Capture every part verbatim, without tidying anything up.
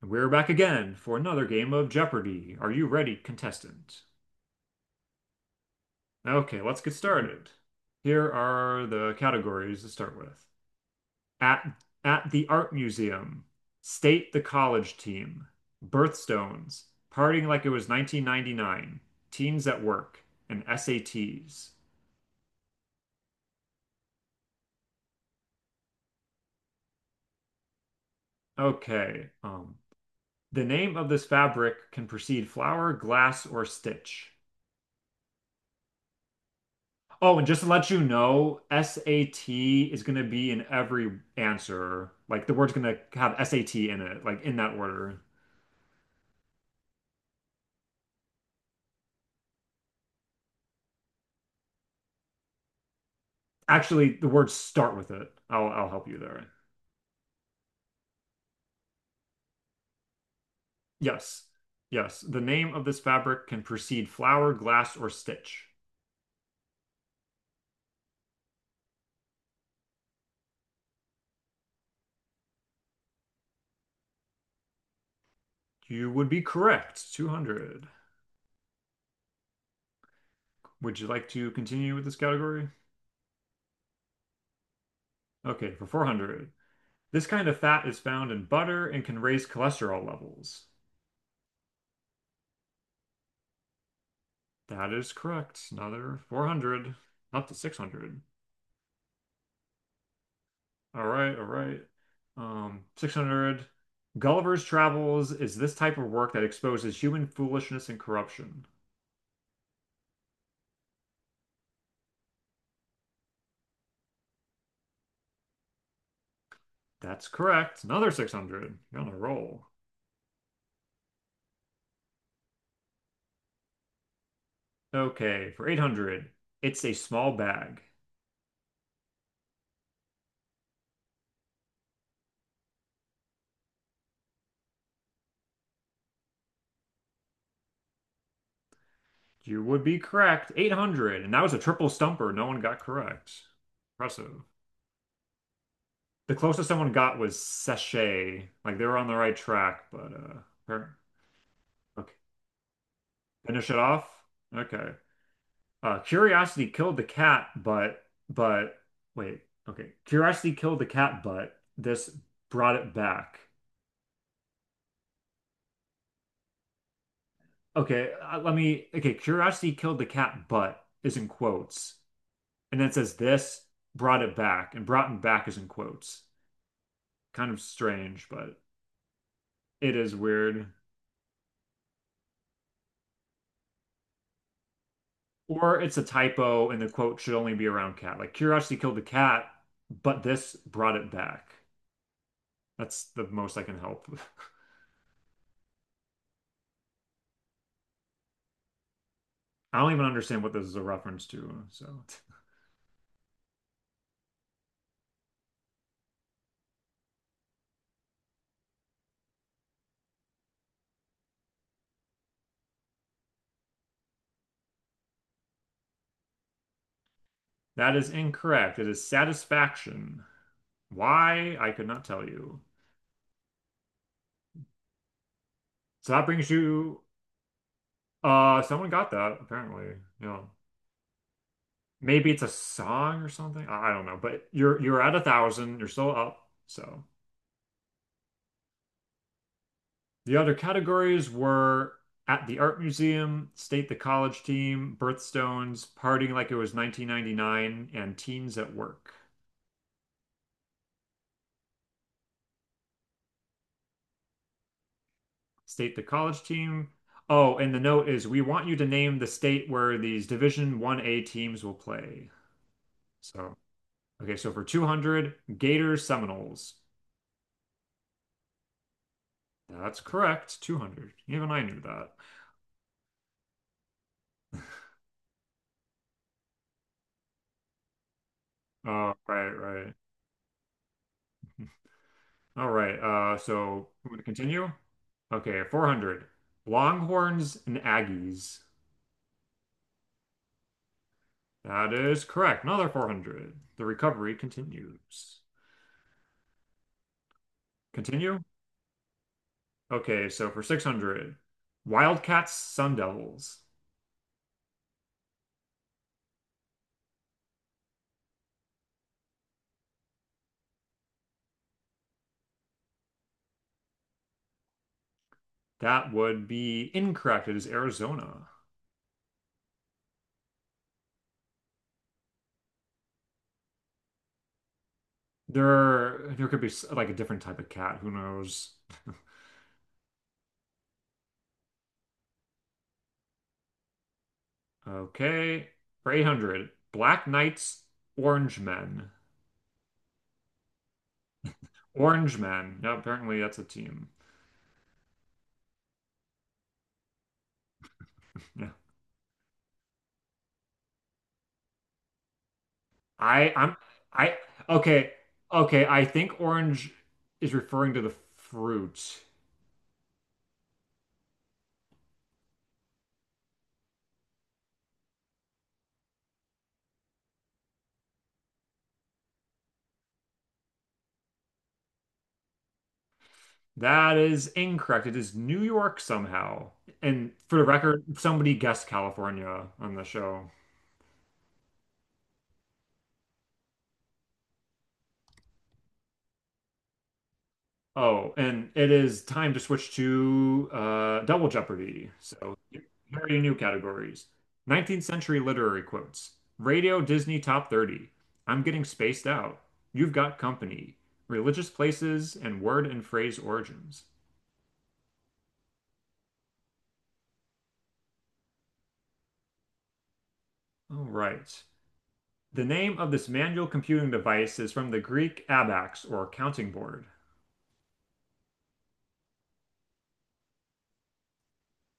We're back again for another game of Jeopardy! Are you ready, contestant? Okay, let's get started. Here are the categories to start with. At at the art museum, state the college team, birthstones, partying like it was nineteen ninety-nine, teens at work, and S A Ts. Okay, um, the name of this fabric can precede flower, glass, or stitch. Oh, and just to let you know, S A T is going to be in every answer. Like the word's going to have S A T in it, like in that order. Actually, the words start with it. I'll I'll help you there. Yes. Yes. The name of this fabric can precede flower, glass, or stitch. You would be correct. two hundred. Would you like to continue with this category? Okay, for four hundred. This kind of fat is found in butter and can raise cholesterol levels. That is correct. Another four hundred, up to six hundred. All right, all right. Um, six hundred. Gulliver's Travels is this type of work that exposes human foolishness and corruption. That's correct. Another six hundred. You're on a roll. Okay, for eight hundred. It's a small bag. You would be correct. eight hundred. And that was a triple stumper. No one got correct. Impressive. The closest someone got was sachet. Like they were on the right track, but uh, fair- okay. Finish it off. Okay. Uh, curiosity killed the cat, but but wait, okay. Curiosity killed the cat, but this brought it back. Okay, uh, let me. Okay, curiosity killed the cat, but is in quotes, and then it says this brought it back, and brought it back is in quotes. Kind of strange, but it is weird. Or it's a typo, and the quote should only be around cat. Like curiosity killed the cat, but this brought it back. That's the most I can help. With. I don't even understand what this is a reference to, so. That is incorrect. It is satisfaction. Why? I could not tell you. So that brings you, uh, someone got that apparently. Yeah. Maybe it's a song or something. I I don't know, but you're you're at a thousand. You're still up. So the other categories were at the art museum, state the college team, birthstones, partying like it was nineteen ninety-nine, and teens at work. State the college team. Oh, and the note is we want you to name the state where these Division one A teams will play. So, okay, so for two hundred, Gators Seminoles. That's correct. two hundred. Even I knew that. Uh, right, right. All right. Uh, so we're going to continue. Okay, four hundred. Longhorns and Aggies. That is correct. Another four hundred. The recovery continues. Continue? Okay, so for six hundred, Wildcats, Sun Devils. That would be incorrect. It is Arizona. There, there could be like a different type of cat. Who knows? Okay. For eight hundred, Black Knights, Orange Men. Orange Men. No, apparently that's a team. Yeah. I, I'm, I, okay. Okay. I think orange is referring to the fruit. That is incorrect. It is New York somehow. And for the record, somebody guessed California on the show. Oh, and it is time to switch to uh, Double Jeopardy. So here are your new categories. nineteenth century literary quotes. Radio Disney Top thirty. I'm getting spaced out. You've got company. Religious places and word and phrase origins. All right. The name of this manual computing device is from the Greek abax or counting board.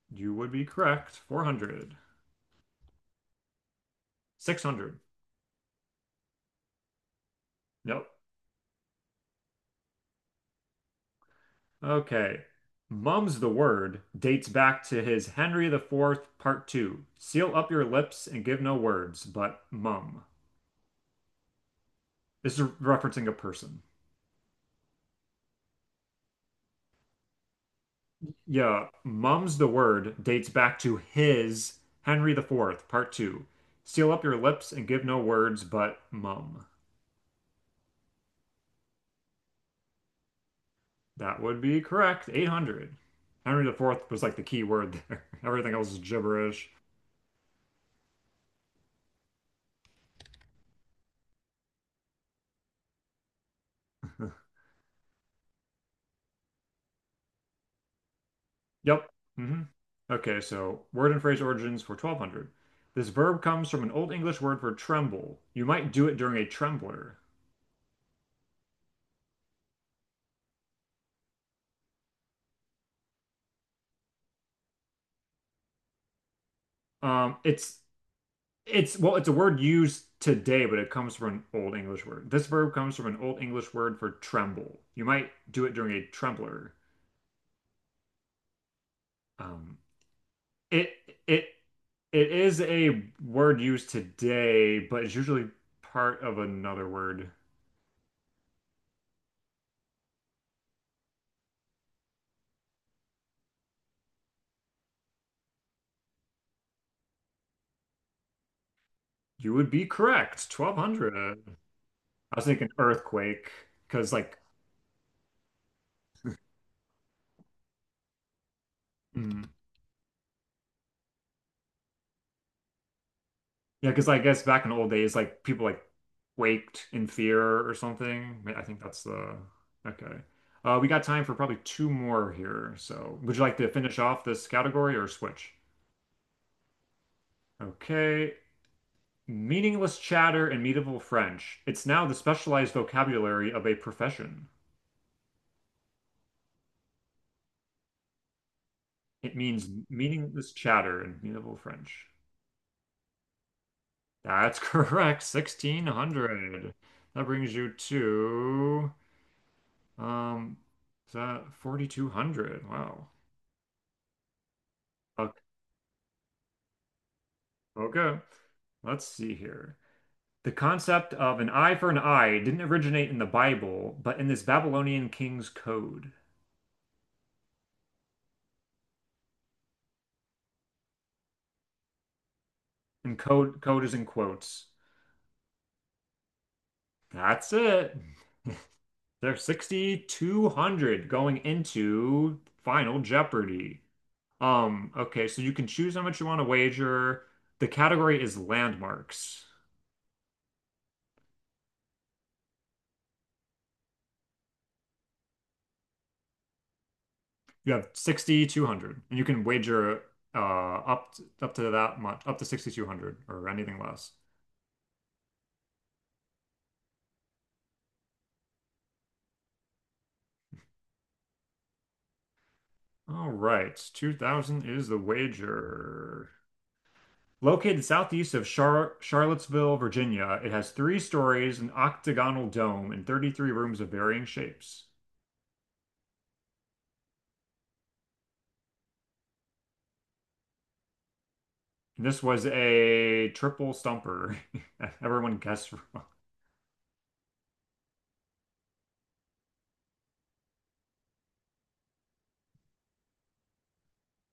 You would be correct. four hundred. six hundred. Nope. Okay. Mum's the word dates back to his Henry the Fourth, Part two. Seal up your lips and give no words, but mum. This is referencing a person. Yeah, mum's the word dates back to his Henry the Fourth, Part two. Seal up your lips and give no words, but mum. That would be correct. eight hundred. Henry the Fourth was like the key word there. Everything else is gibberish. Yep. hmm Okay, so word and phrase origins for twelve hundred. This verb comes from an Old English word for tremble. You might do it during a trembler. Um, it's it's well, it's a word used today, but it comes from an Old English word. This verb comes from an Old English word for tremble. You might do it during a trembler. Um, it it it is a word used today, but it's usually part of another word. You would be correct. twelve hundred. I was thinking earthquake because like Mm. Yeah, because I guess back in the old days, like people like waked in fear or something. I think that's the okay. Uh, we got time for probably two more here. So, would you like to finish off this category or switch? Okay. Meaningless chatter and medieval French. It's now the specialized vocabulary of a profession. It means meaningless chatter and medieval French. That's correct. sixteen hundred. That brings you to Um, is that forty-two hundred? Wow. Okay. okay. Let's see here. The concept of an eye for an eye didn't originate in the Bible, but in this Babylonian king's code. And code code is in quotes. That's it. They're sixty-two hundred going into Final Jeopardy. Um, okay, so you can choose how much you want to wager. The category is landmarks. You have sixty-two hundred, and you can wager uh, up t- up to that much, up to sixty-two hundred or anything less. All right, two thousand is the wager. Located southeast of Char Charlottesville, Virginia, it has three stories, an octagonal dome, and thirty-three rooms of varying shapes. And this was a triple stumper. Everyone guessed wrong.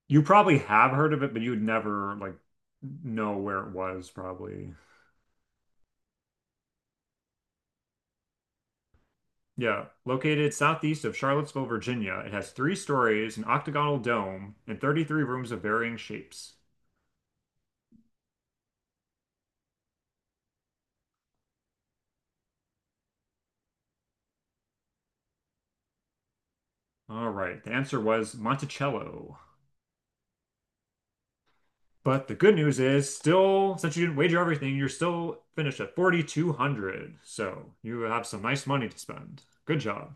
You probably have heard of it, but you'd never like know where it was, probably. Yeah, located southeast of Charlottesville, Virginia, it has three stories, an octagonal dome, and thirty-three rooms of varying shapes. All right, the answer was Monticello. But the good news is, still, since you didn't wager everything, you're still finished at forty-two hundred. So you have some nice money to spend. Good job.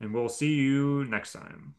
And we'll see you next time.